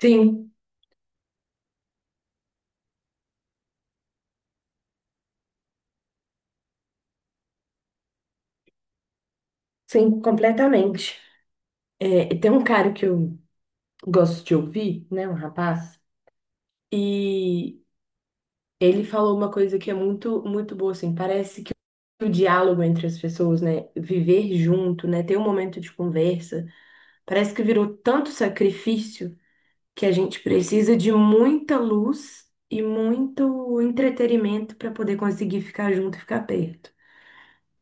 Sim, sim, completamente. É, tem um cara que eu gosto de ouvir, né, um rapaz, e ele falou uma coisa que é muito, muito boa, assim, parece que o diálogo entre as pessoas, né, viver junto, né, ter um momento de conversa, parece que virou tanto sacrifício que a gente precisa de muita luz e muito entretenimento para poder conseguir ficar junto e ficar perto.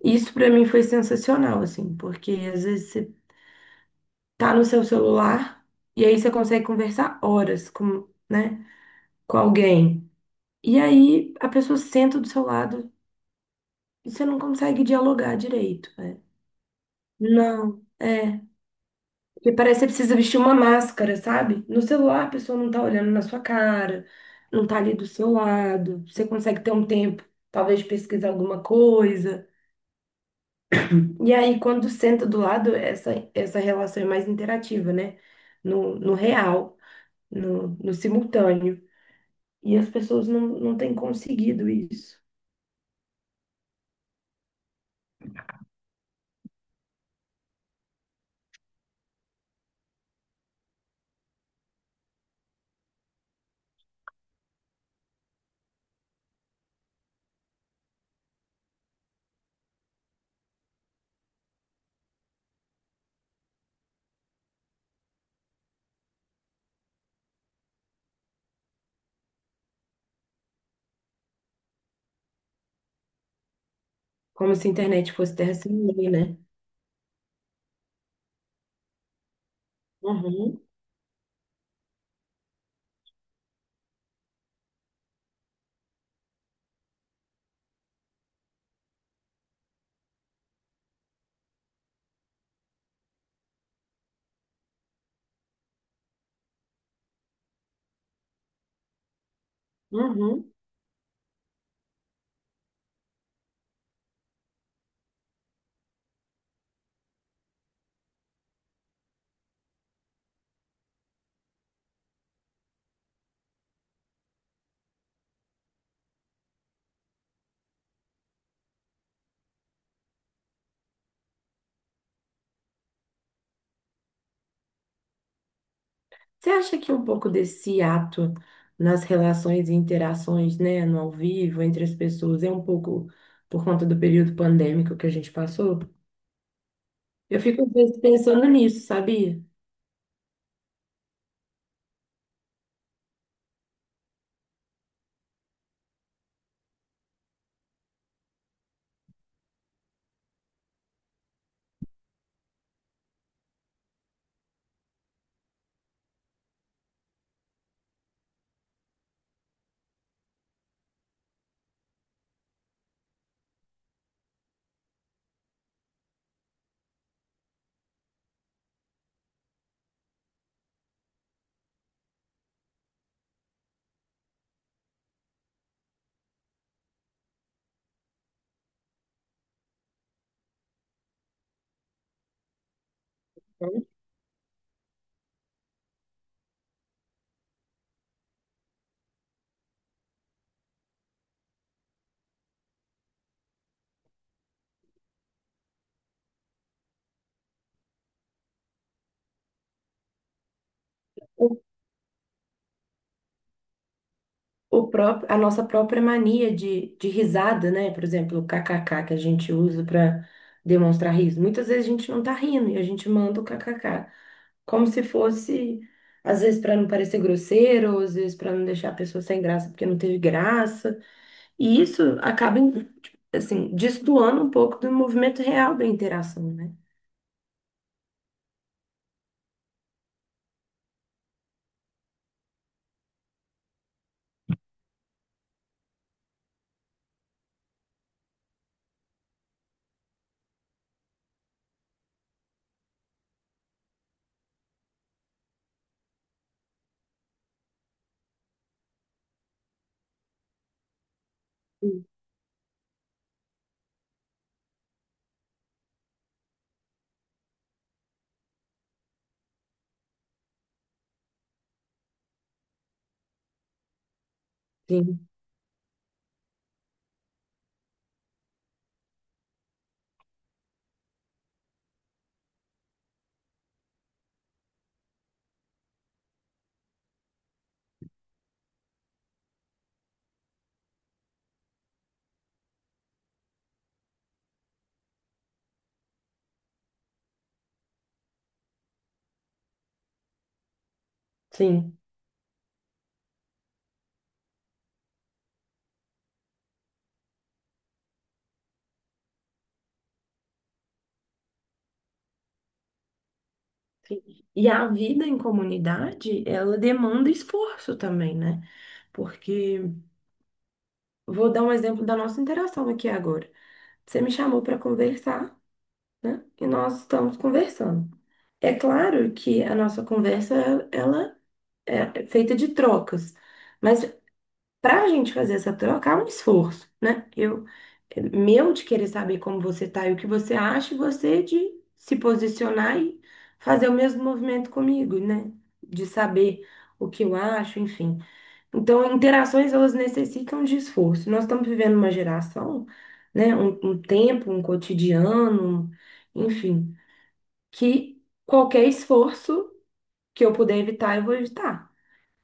Isso para mim foi sensacional, assim, porque às vezes você tá no seu celular e aí você consegue conversar horas com, né, com alguém. E aí a pessoa senta do seu lado e você não consegue dialogar direito, né? Não, é. Porque parece que você precisa vestir uma máscara, sabe? No celular a pessoa não tá olhando na sua cara, não tá ali do seu lado. Você consegue ter um tempo, talvez, de pesquisar alguma coisa. E aí, quando senta do lado, essa relação é mais interativa, né? No real, no simultâneo. E as pessoas não têm conseguido isso. Como se a internet fosse terra sem lei, né? Uhum, uhum. Você acha que um pouco desse ato nas relações e interações, né, no ao vivo, entre as pessoas, é um pouco por conta do período pandêmico que a gente passou? Eu fico às vezes pensando nisso, sabia? O próprio, a nossa própria mania de risada, né? Por exemplo, o kkk que a gente usa para demonstrar riso. Muitas vezes a gente não tá rindo e a gente manda o kkk, como se fosse, às vezes para não parecer grosseiro, ou às vezes para não deixar a pessoa sem graça porque não teve graça. E isso acaba, tipo, assim, destoando um pouco do movimento real da interação, né? Sim. Sim, sim. E a vida em comunidade, ela demanda esforço também, né? Porque vou dar um exemplo da nossa interação aqui agora. Você me chamou para conversar, né? E nós estamos conversando. É claro que a nossa conversa, ela é feita de trocas, mas para a gente fazer essa troca, há um esforço, né? Eu, meu de querer saber como você tá e o que você acha, e você de se posicionar e fazer o mesmo movimento comigo, né? De saber o que eu acho, enfim. Então, interações, elas necessitam de esforço. Nós estamos vivendo uma geração, né, um tempo, um cotidiano, enfim, que qualquer esforço que eu puder evitar, eu vou evitar.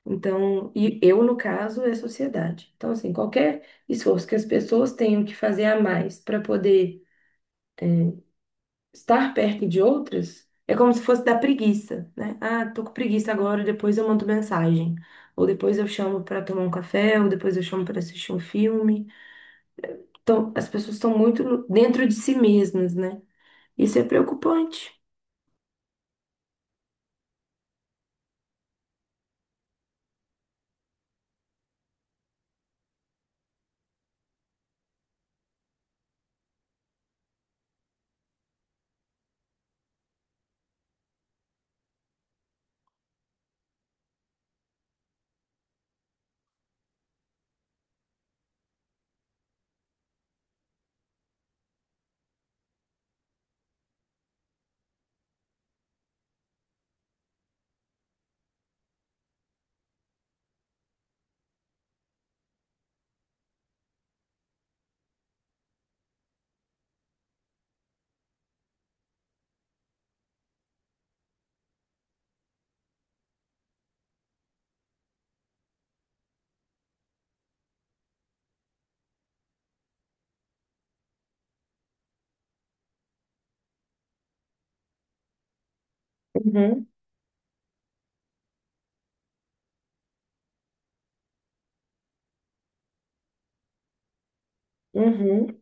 Então, e eu, no caso, é a sociedade. Então, assim, qualquer esforço que as pessoas tenham que fazer a mais para poder estar perto de outras, é como se fosse da preguiça, né? Ah, tô com preguiça agora, depois eu mando mensagem. Ou depois eu chamo para tomar um café, ou depois eu chamo para assistir um filme. As pessoas estão muito dentro de si mesmas, né? Isso é preocupante. Uhum, uhum.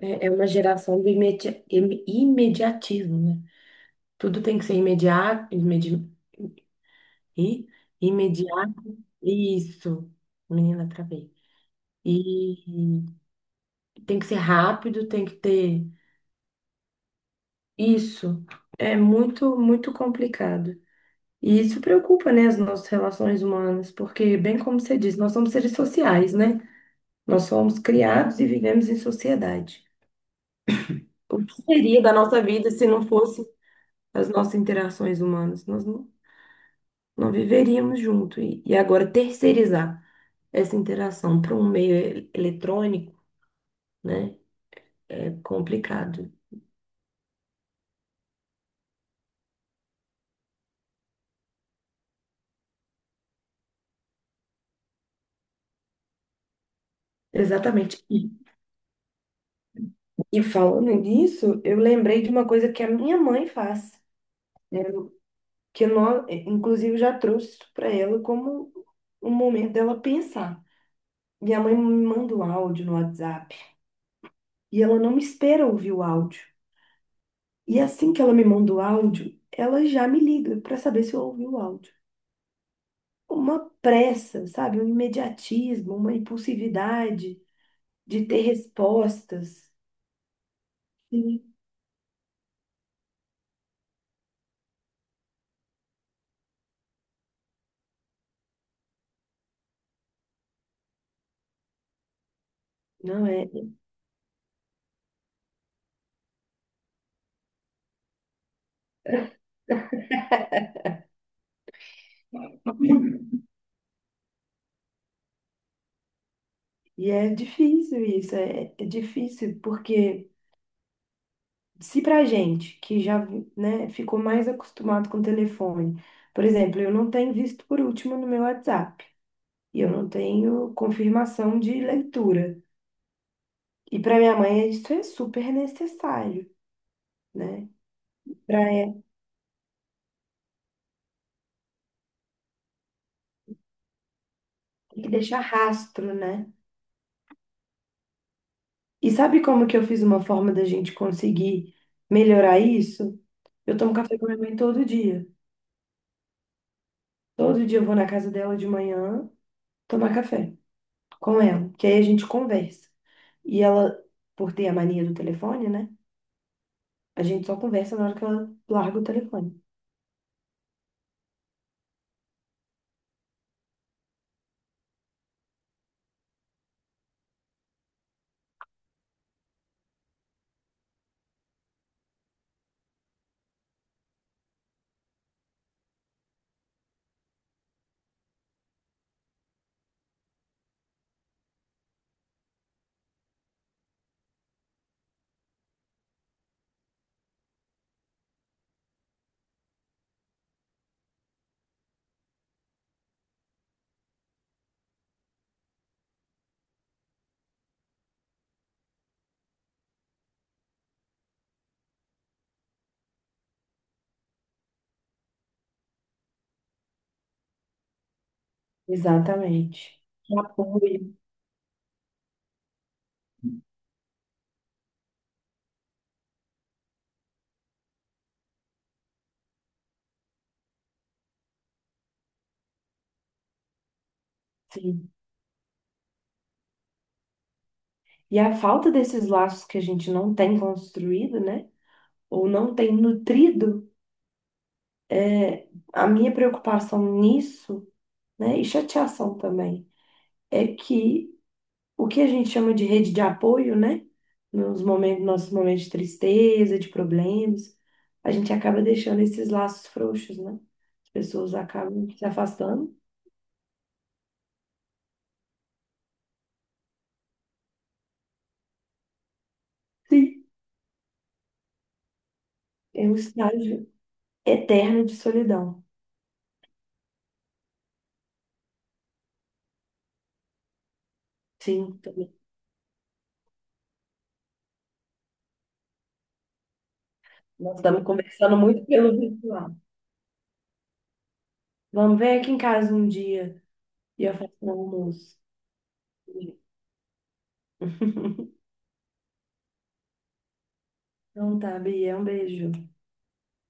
É, é uma geração do imediatismo, né? Tudo tem que ser imediato, e- imediato, isso, menina, travei. E e tem que ser rápido, tem que ter isso. É muito, muito complicado. E isso preocupa, né, as nossas relações humanas, porque, bem como você disse, nós somos seres sociais, né? Nós somos criados e vivemos em sociedade. O que seria da nossa vida se não fosse as nossas interações humanas? Nós não, Não viveríamos junto. E agora, terceirizar essa interação para um meio eletrônico, né, é complicado. Exatamente. E falando nisso, eu lembrei de uma coisa que a minha mãe faz, que nós, inclusive, eu já trouxe isso para ela como um momento dela pensar. Minha mãe me manda um áudio no WhatsApp e ela não me espera ouvir o áudio. E assim que ela me manda o áudio, ela já me liga para saber se eu ouvi o áudio. Uma pressa, sabe? Um imediatismo, uma impulsividade de ter respostas. Sim. Não é? E é difícil isso, é, é difícil porque se pra gente que já, né, ficou mais acostumado com telefone, por exemplo, eu não tenho visto por último no meu WhatsApp e eu não tenho confirmação de leitura. E para minha mãe isso é super necessário, né? Para tem que deixar rastro, né? E sabe como que eu fiz uma forma da gente conseguir melhorar isso? Eu tomo café com minha mãe todo dia. Todo dia eu vou na casa dela de manhã tomar café com ela, que aí a gente conversa. E ela, por ter a mania do telefone, né? A gente só conversa na hora que ela larga o telefone. Exatamente. E apoio, sim. E a falta desses laços que a gente não tem construído, né? Ou não tem nutrido, é, a minha preocupação nisso. Né? E chateação também. É que o que a gente chama de rede de apoio, né? Nos momentos, nossos momentos de tristeza, de problemas, a gente acaba deixando esses laços frouxos, né? As pessoas acabam se afastando. Sim. É um estágio eterno de solidão. Sim, também. Nós estamos conversando muito pelo virtual. Vamos ver aqui em casa um dia e eu faço um almoço. Então tá, Bia, um beijo.